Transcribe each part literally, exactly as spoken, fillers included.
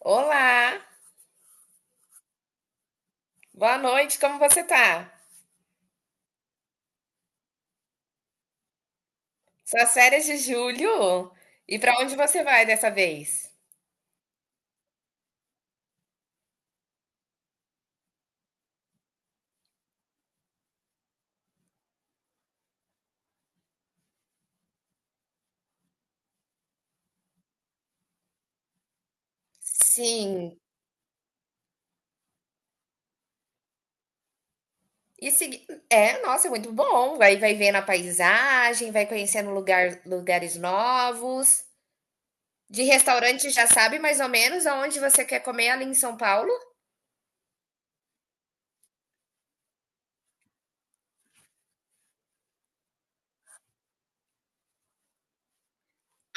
Olá, boa noite, como você tá? Suas férias de julho? E pra onde você vai dessa vez? Sim. E segui... É, nossa, é muito bom. Vai, vai vendo a paisagem, vai conhecendo lugar, lugares novos. De restaurante já sabe mais ou menos aonde você quer comer ali em São Paulo?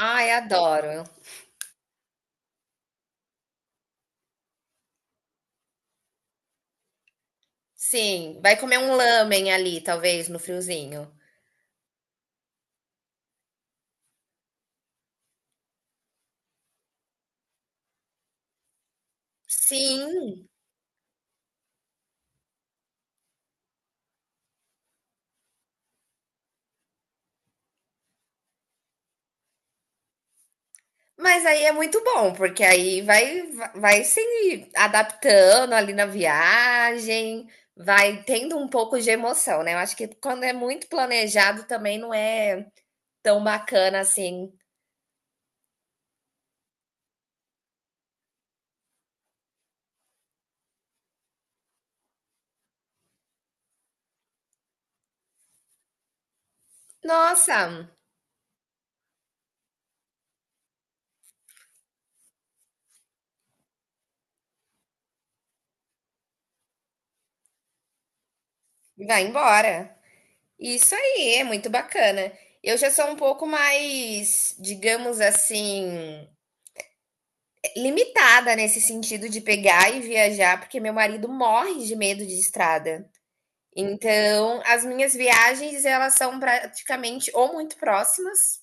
Ai, adoro. Sim, vai comer um lamen ali, talvez, no friozinho. Sim. Mas aí é muito bom, porque aí vai vai se adaptando ali na viagem, vai tendo um pouco de emoção, né. Eu acho que quando é muito planejado também não é tão bacana assim. Nossa, vai embora. Isso aí, é muito bacana. Eu já sou um pouco mais, digamos assim, limitada nesse sentido de pegar e viajar, porque meu marido morre de medo de estrada. Então, as minhas viagens, elas são praticamente ou muito próximas,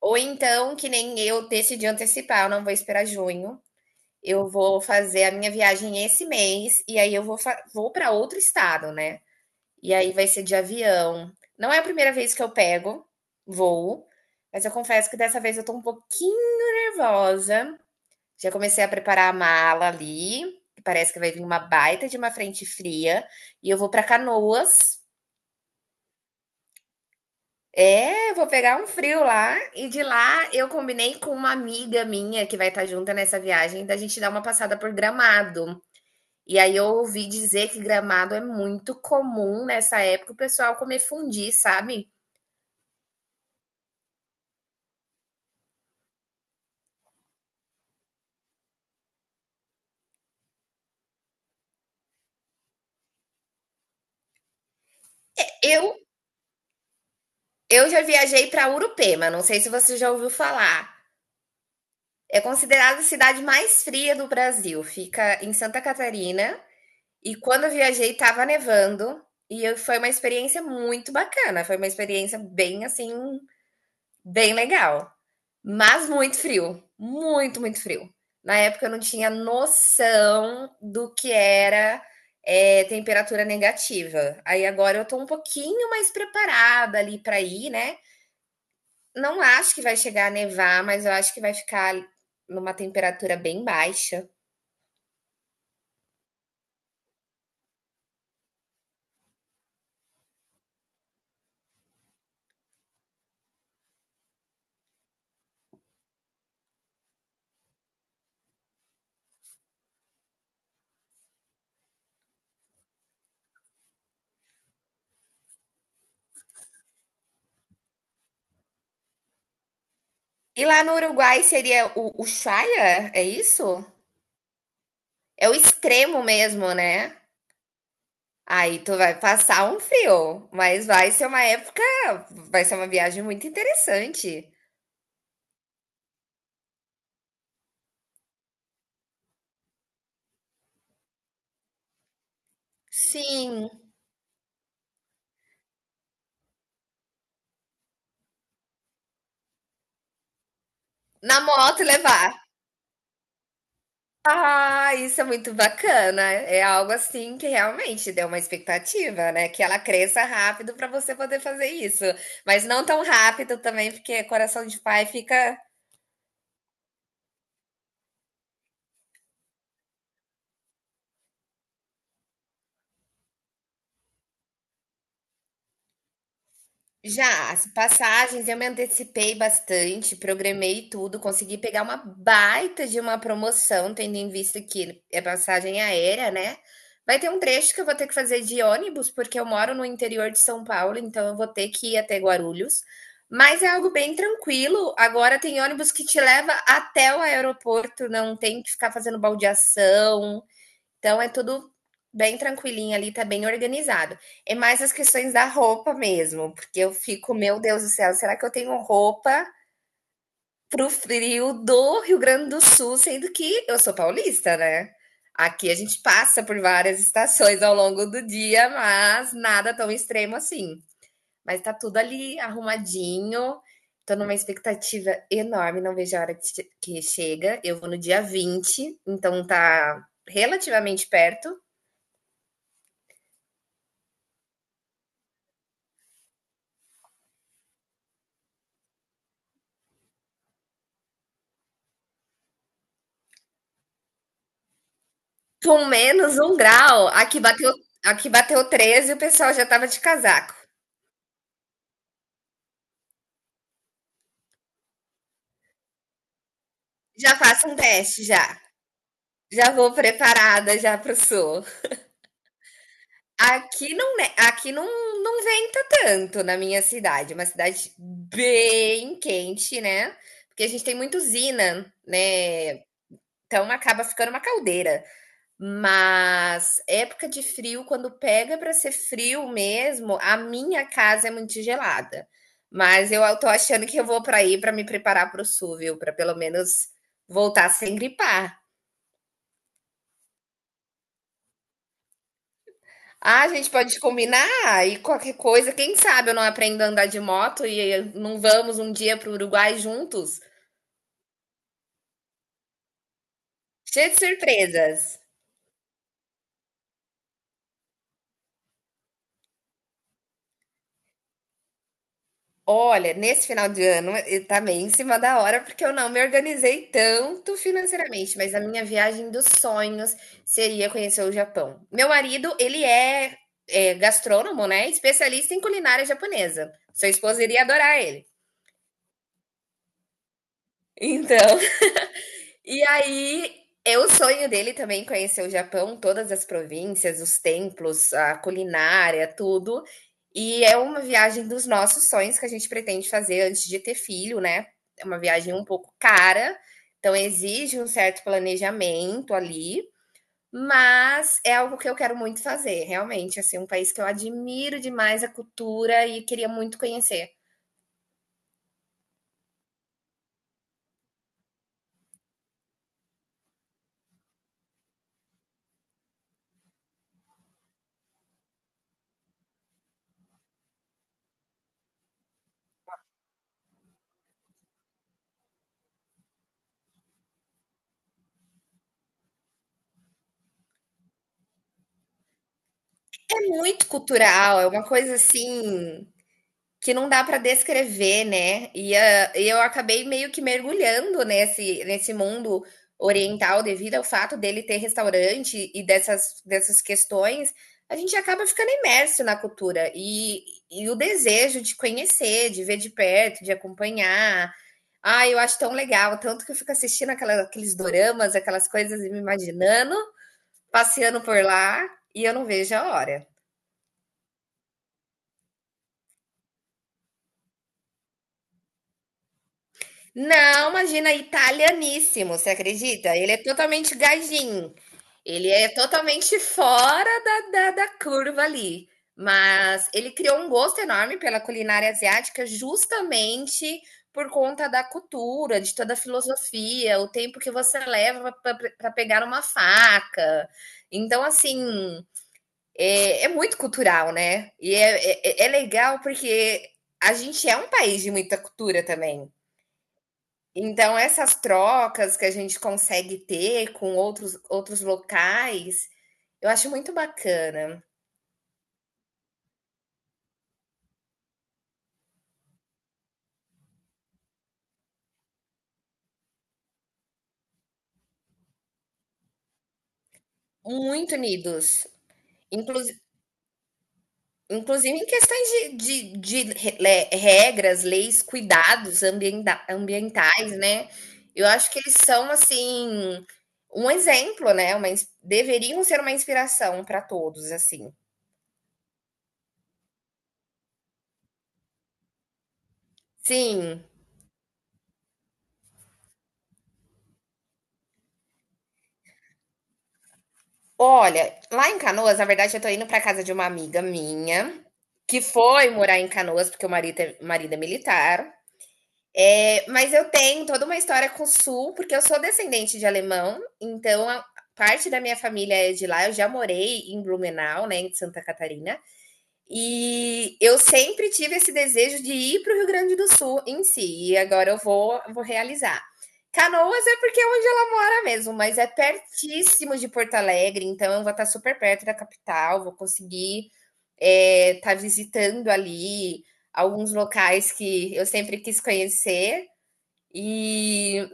ou então, que nem eu decidi antecipar, eu não vou esperar junho. Eu vou fazer a minha viagem esse mês, e aí eu vou, fa- vou para outro estado, né? E aí vai ser de avião. Não é a primeira vez que eu pego voo, mas eu confesso que dessa vez eu tô um pouquinho nervosa. Já comecei a preparar a mala ali, que parece que vai vir uma baita de uma frente fria, e eu vou para Canoas. É, vou pegar um frio lá e de lá eu combinei com uma amiga minha que vai estar junta nessa viagem da gente dar uma passada por Gramado. E aí eu ouvi dizer que Gramado é muito comum nessa época o pessoal comer fundi, sabe? Eu eu já viajei para Urupema, não sei se você já ouviu falar. É considerada a cidade mais fria do Brasil, fica em Santa Catarina. E quando eu viajei estava nevando. E eu- foi uma experiência muito bacana, foi uma experiência bem assim, bem legal, mas muito frio, muito, muito frio. Na época eu não tinha noção do que era é, temperatura negativa. Aí agora eu tô um pouquinho mais preparada ali para ir, né? Não acho que vai chegar a nevar, mas eu acho que vai ficar numa temperatura bem baixa. E lá no Uruguai seria o, o Ushuaia, é isso? É o extremo mesmo, né? Aí tu vai passar um frio, mas vai ser uma época, vai ser uma viagem muito interessante. Sim, na moto levar. Ah, isso é muito bacana. É algo assim que realmente deu uma expectativa, né? Que ela cresça rápido para você poder fazer isso, mas não tão rápido também, porque coração de pai fica. Já, as passagens eu me antecipei bastante, programei tudo, consegui pegar uma baita de uma promoção, tendo em vista que é passagem aérea, né. Vai ter um trecho que eu vou ter que fazer de ônibus, porque eu moro no interior de São Paulo, então eu vou ter que ir até Guarulhos, mas é algo bem tranquilo. Agora tem ônibus que te leva até o aeroporto, não tem que ficar fazendo baldeação, então é tudo bem tranquilinho ali, tá bem organizado. É mais as questões da roupa mesmo, porque eu fico, meu Deus do céu, será que eu tenho roupa pro frio do Rio Grande do Sul, sendo que eu sou paulista, né? Aqui a gente passa por várias estações ao longo do dia, mas nada tão extremo assim. Mas tá tudo ali arrumadinho. Tô numa expectativa enorme, não vejo a hora que che- que chega. Eu vou no dia vinte, então tá relativamente perto. Com menos um grau, aqui bateu, aqui bateu treze e o pessoal já estava de casaco. Já faço um teste, já. Já vou preparada já pro sul. Aqui não, ne- aqui não, não venta tanto na minha cidade. É uma cidade bem quente, né? Porque a gente tem muita usina, né? Então acaba ficando uma caldeira. Mas época de frio, quando pega para ser frio mesmo, a minha casa é muito gelada. Mas eu tô achando que eu vou para aí para me preparar para o sul, viu? Para pelo menos voltar sem gripar. Ah, a gente pode combinar e qualquer coisa, quem sabe eu não aprendo a andar de moto e não vamos um dia para o Uruguai juntos? Cheio de surpresas. Olha, nesse final de ano está tá meio em cima da hora, porque eu não me organizei tanto financeiramente, mas a minha viagem dos sonhos seria conhecer o Japão. Meu marido, ele é, é gastrônomo, né? Especialista em culinária japonesa. Sua esposa iria adorar ele. Então, e aí, é o sonho dele também conhecer o Japão, todas as províncias, os templos, a culinária, tudo. E é uma viagem dos nossos sonhos que a gente pretende fazer antes de ter filho, né? É uma viagem um pouco cara, então exige um certo planejamento ali, mas é algo que eu quero muito fazer, realmente, assim, um país que eu admiro demais a cultura e queria muito conhecer. É muito cultural, é uma coisa assim que não dá para descrever, né? E, ah, eu acabei meio que mergulhando nesse, nesse mundo oriental devido ao fato dele ter restaurante e dessas, dessas questões. A gente acaba ficando imerso na cultura e, e o desejo de conhecer, de ver de perto, de acompanhar. Ah, eu acho tão legal, tanto que eu fico assistindo aquela- aqueles doramas, aquelas coisas e me imaginando, passeando por lá, e eu não vejo a hora. Não, imagina, italianíssimo, você acredita? Ele é totalmente gajinho. Ele é totalmente fora da, da, da curva ali. Mas ele criou um gosto enorme pela culinária asiática justamente por conta da cultura, de toda a filosofia, o tempo que você leva para pegar uma faca. Então, assim, é, é muito cultural, né? E é, é, é legal porque a gente é um país de muita cultura também. Então essas trocas que a gente consegue ter com outros outros locais, eu acho muito bacana, muito unidos. Inclusi inclusive em questões de de de re le regras, leis, cuidados ambienda ambientais, né. Eu acho que eles são, assim, um exemplo, né, uma ins deveriam ser uma inspiração para todos, assim. Sim. Olha, lá em Canoas, na verdade, eu tô indo pra casa de uma amiga minha, que foi morar em Canoas, porque o marido é o marido é militar. Eh, mas eu tenho toda uma história com o Sul, porque eu sou descendente de alemão, então a parte da minha família é de lá. Eu já morei em Blumenau, né, em Santa Catarina, e eu sempre tive esse desejo de ir para o Rio Grande do Sul em si, e agora eu vou, vou realizar. Canoas é porque é onde ela mora mesmo, mas é pertíssimo de Porto Alegre, então eu vou estar super perto da capital, vou conseguir eh, estar visitando ali alguns locais que eu sempre quis conhecer. E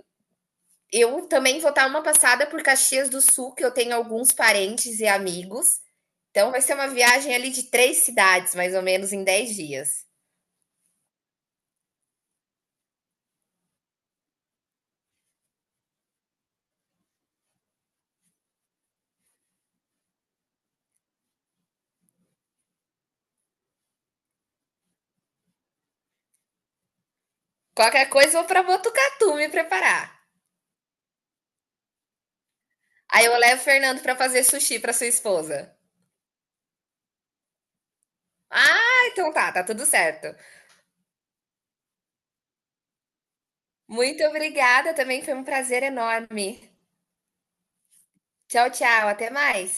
eu também vou dar uma passada por Caxias do Sul, que eu tenho alguns parentes e amigos. Então vai ser uma viagem ali de três cidades, mais ou menos, em dez dias. Qualquer coisa, eu vou para Botucatu me preparar. Aí eu levo o Fernando para fazer sushi para sua esposa. Ah, então tá, tá tudo certo. Muito obrigada também, foi um prazer enorme. Tchau, tchau, até mais.